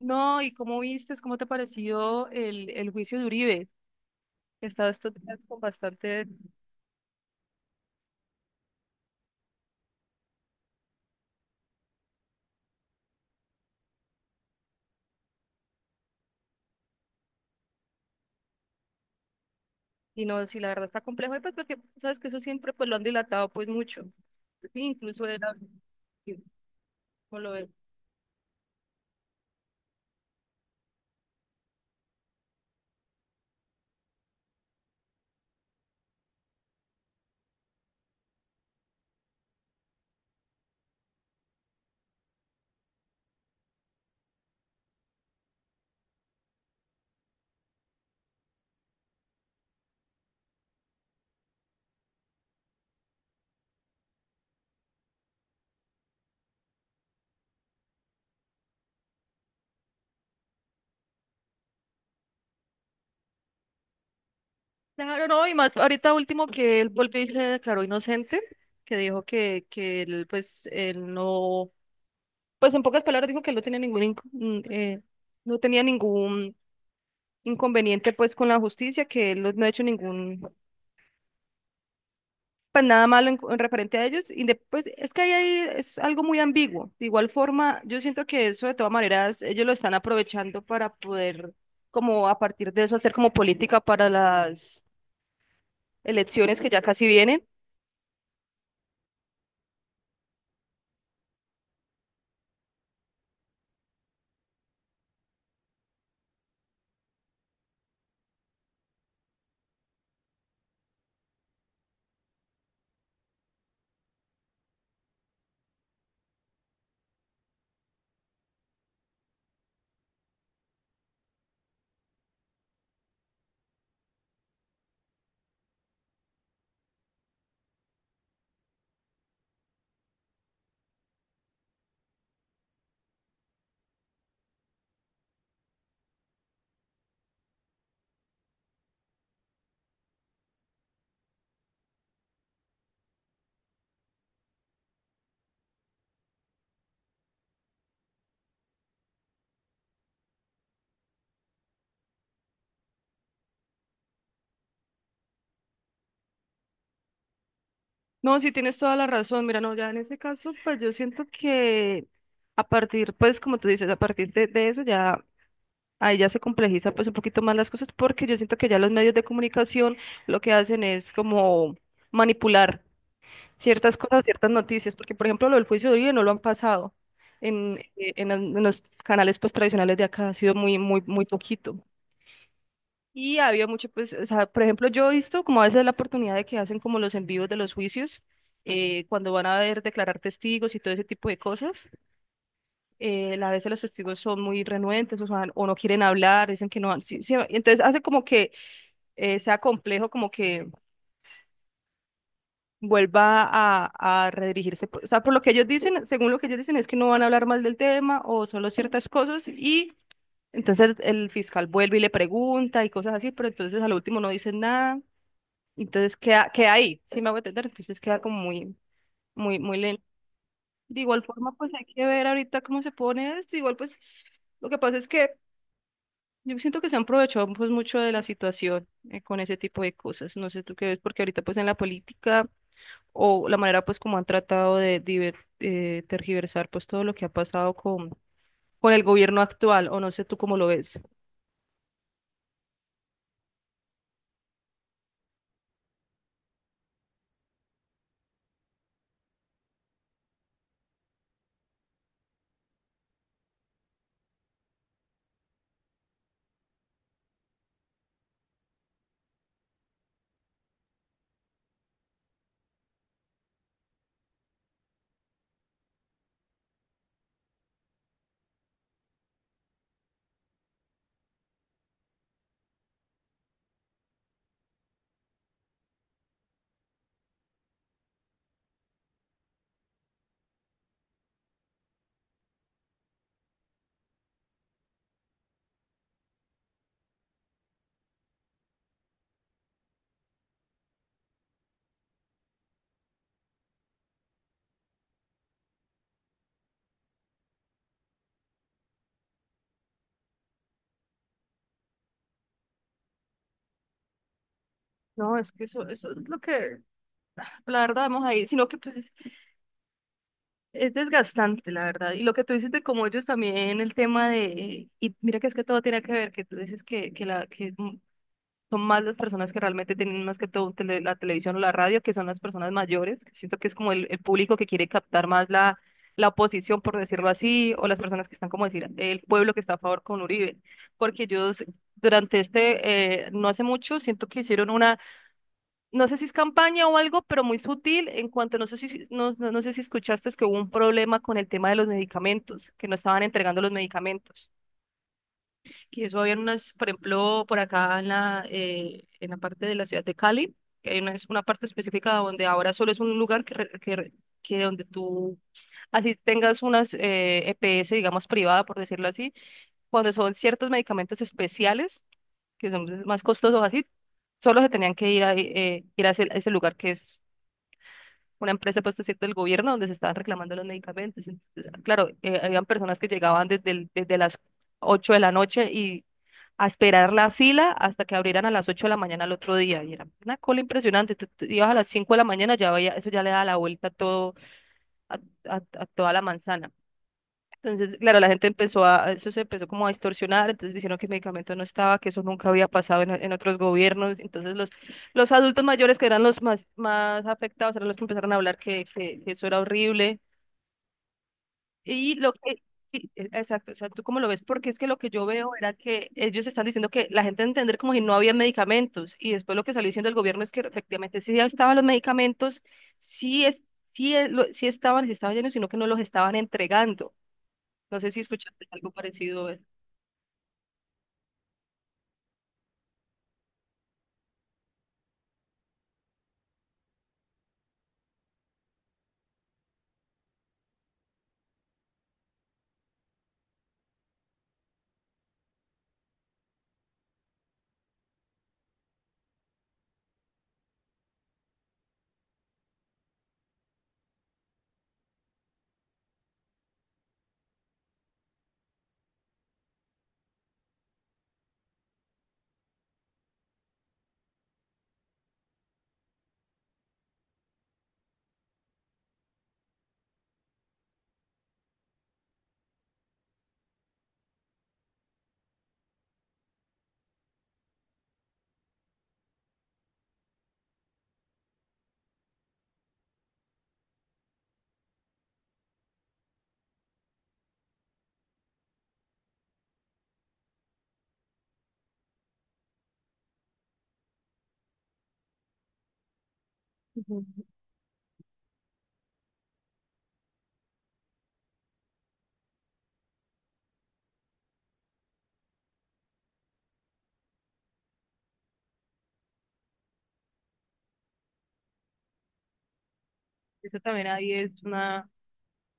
No, ¿y cómo viste, cómo te pareció el juicio de Uribe? He estado estos días con bastante, y no, si la verdad está complejo, y pues porque sabes que eso siempre pues lo han dilatado pues mucho. Sí, incluso era sí, como lo de... Claro, no, y más ahorita último que él volvió y se declaró inocente, que dijo que él pues él no, pues en pocas palabras dijo que él no tenía ningún no tenía ningún inconveniente pues con la justicia, que él no ha hecho ningún pues nada malo en referente a ellos. Pues es que ahí hay, es algo muy ambiguo. De igual forma, yo siento que eso de todas maneras ellos lo están aprovechando para poder, como a partir de eso, hacer como política para las elecciones que ya casi vienen. No, sí tienes toda la razón. Mira, no, ya en ese caso, pues yo siento que a partir, pues como tú dices, a partir de eso ya... Ahí ya se complejiza pues un poquito más las cosas porque yo siento que ya los medios de comunicación lo que hacen es como manipular ciertas cosas, ciertas noticias, porque por ejemplo lo del juicio de Uribe no lo han pasado en los canales pues tradicionales de acá, ha sido muy poquito. Y había mucho, pues, o sea, por ejemplo, yo he visto como a veces la oportunidad de que hacen como los envíos de los juicios, cuando van a ver declarar testigos y todo ese tipo de cosas, a veces los testigos son muy renuentes o sea, o no quieren hablar, dicen que no han, sí, entonces hace como que sea complejo como que vuelva a redirigirse. O sea, por lo que ellos dicen, según lo que ellos dicen, es que no van a hablar más del tema o solo ciertas cosas y entonces el fiscal vuelve y le pregunta y cosas así, pero entonces al último no dicen nada. Entonces queda ahí, sí me hago entender, entonces queda como muy, muy lento. De igual forma, pues hay que ver ahorita cómo se pone esto. Igual, pues lo que pasa es que yo siento que se han aprovechado pues mucho de la situación con ese tipo de cosas. No sé tú qué ves, porque ahorita pues en la política o la manera pues como han tratado de tergiversar pues todo lo que ha pasado con el gobierno actual, o no sé tú cómo lo ves. No, es que eso es lo que, la verdad, vamos ahí, sino que pues es desgastante, la verdad. Y lo que tú dices de cómo ellos también, el tema de, y mira que es que todo tiene que ver, que tú dices que son más las personas que realmente tienen más que todo la televisión o la radio, que son las personas mayores. Siento que es como el público que quiere captar más la, la oposición, por decirlo así, o las personas que están, como decir, el pueblo que está a favor con Uribe. Porque ellos durante este, no hace mucho, siento que hicieron una, no sé si es campaña o algo, pero muy sutil en cuanto, no sé si, no, no sé si escuchaste, es que hubo un problema con el tema de los medicamentos, que no estaban entregando los medicamentos. Y eso había unas, por ejemplo, por acá en en la parte de la ciudad de Cali, que hay una, es una parte específica donde ahora solo es un lugar que, re- que, re- que donde tú, así tengas unas EPS, digamos, privada, por decirlo así, cuando son ciertos medicamentos especiales, que son más costosos así, solo se tenían que ir ir a ese lugar que es una empresa, pues, es cierto, del gobierno, donde se estaban reclamando los medicamentos. Entonces, claro, habían personas que llegaban desde las 8 de la noche y a esperar la fila hasta que abrieran a las 8 de la mañana al otro día. Y era una cola impresionante. Tú ibas a las 5 de la mañana, ya veía, eso ya le da la vuelta a todo, a, a toda la manzana. Entonces, claro, la gente empezó a, eso se empezó como a distorsionar, entonces diciendo que el medicamento no estaba, que eso nunca había pasado en otros gobiernos. Entonces, los adultos mayores que eran los más, más afectados eran los que empezaron a hablar que eso era horrible. Y lo que, sí, exacto, o sea, ¿tú cómo lo ves? Porque es que lo que yo veo era que ellos están diciendo que la gente entender como si no había medicamentos. Y después lo que salió diciendo el gobierno es que efectivamente sí estaban los medicamentos, sí, es, sí, sí estaban llenos, sino que no los estaban entregando. No sé si escuchaste algo parecido. Ujú. Eso también ahí es una...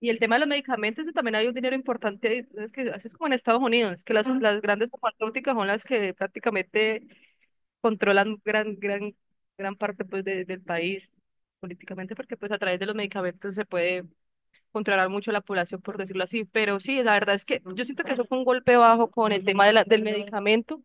Y el tema de los medicamentos, eso también hay un dinero importante, ahí, es que así es como en Estados Unidos, que las, ujú, las grandes farmacéuticas son las que prácticamente controlan gran, gran, gran parte pues, del país políticamente, porque pues a través de los medicamentos se puede controlar mucho la población, por decirlo así. Pero sí, la verdad es que yo siento que eso fue un golpe bajo con el tema de del medicamento.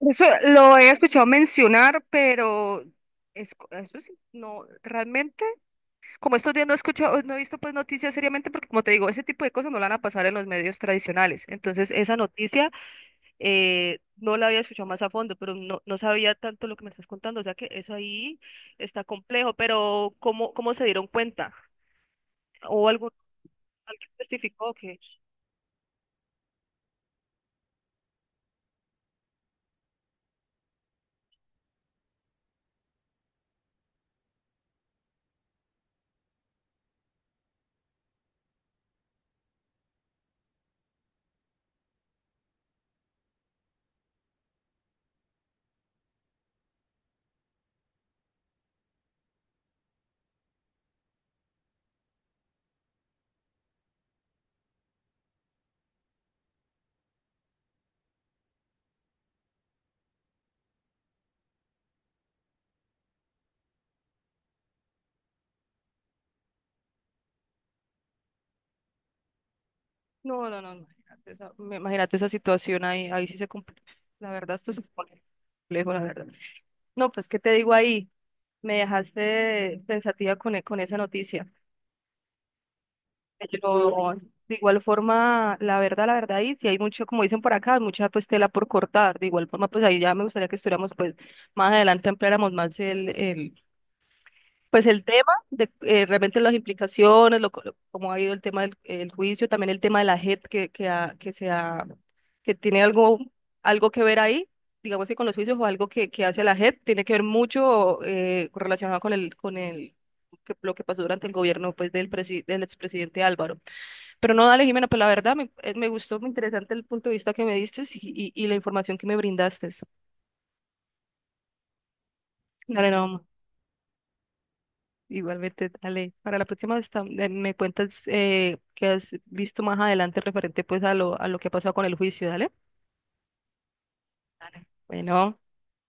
Eso lo he escuchado mencionar, pero es, eso sí, no, realmente, como estos días no he escuchado, no he visto pues noticias seriamente, porque como te digo, ese tipo de cosas no la van a pasar en los medios tradicionales. Entonces, esa noticia no la había escuchado más a fondo, pero no, no sabía tanto lo que me estás contando. O sea que eso ahí está complejo, pero ¿cómo, cómo se dieron cuenta? ¿O algún, alguien testificó que... No, no, no, imagínate esa, imagínate esa situación ahí, ahí sí se complica. La verdad, esto se pone complejo, la verdad. No, pues, ¿qué te digo ahí? Me dejaste pensativa con, con esa noticia. Pero de igual forma, la verdad, ahí sí hay mucho, como dicen por acá, mucha pues tela por cortar. De igual forma, pues ahí ya me gustaría que estuviéramos pues más adelante ampliáramos más el pues el tema de realmente las implicaciones, cómo ha ido el tema del el juicio, también el tema de la JET se que tiene algo, algo que ver ahí, digamos que con los juicios o algo que hace la JET, tiene que ver mucho relacionado con el lo que pasó durante el gobierno pues, del expresidente Álvaro. Pero no, dale, Jimena, pues la verdad me, me gustó, muy interesante el punto de vista que me diste y, y la información que me brindaste. Dale, no. Igualmente, Ale, para la próxima vez me cuentas qué has visto más adelante referente pues a lo que ha pasado con el juicio, dale. Dale. Bueno.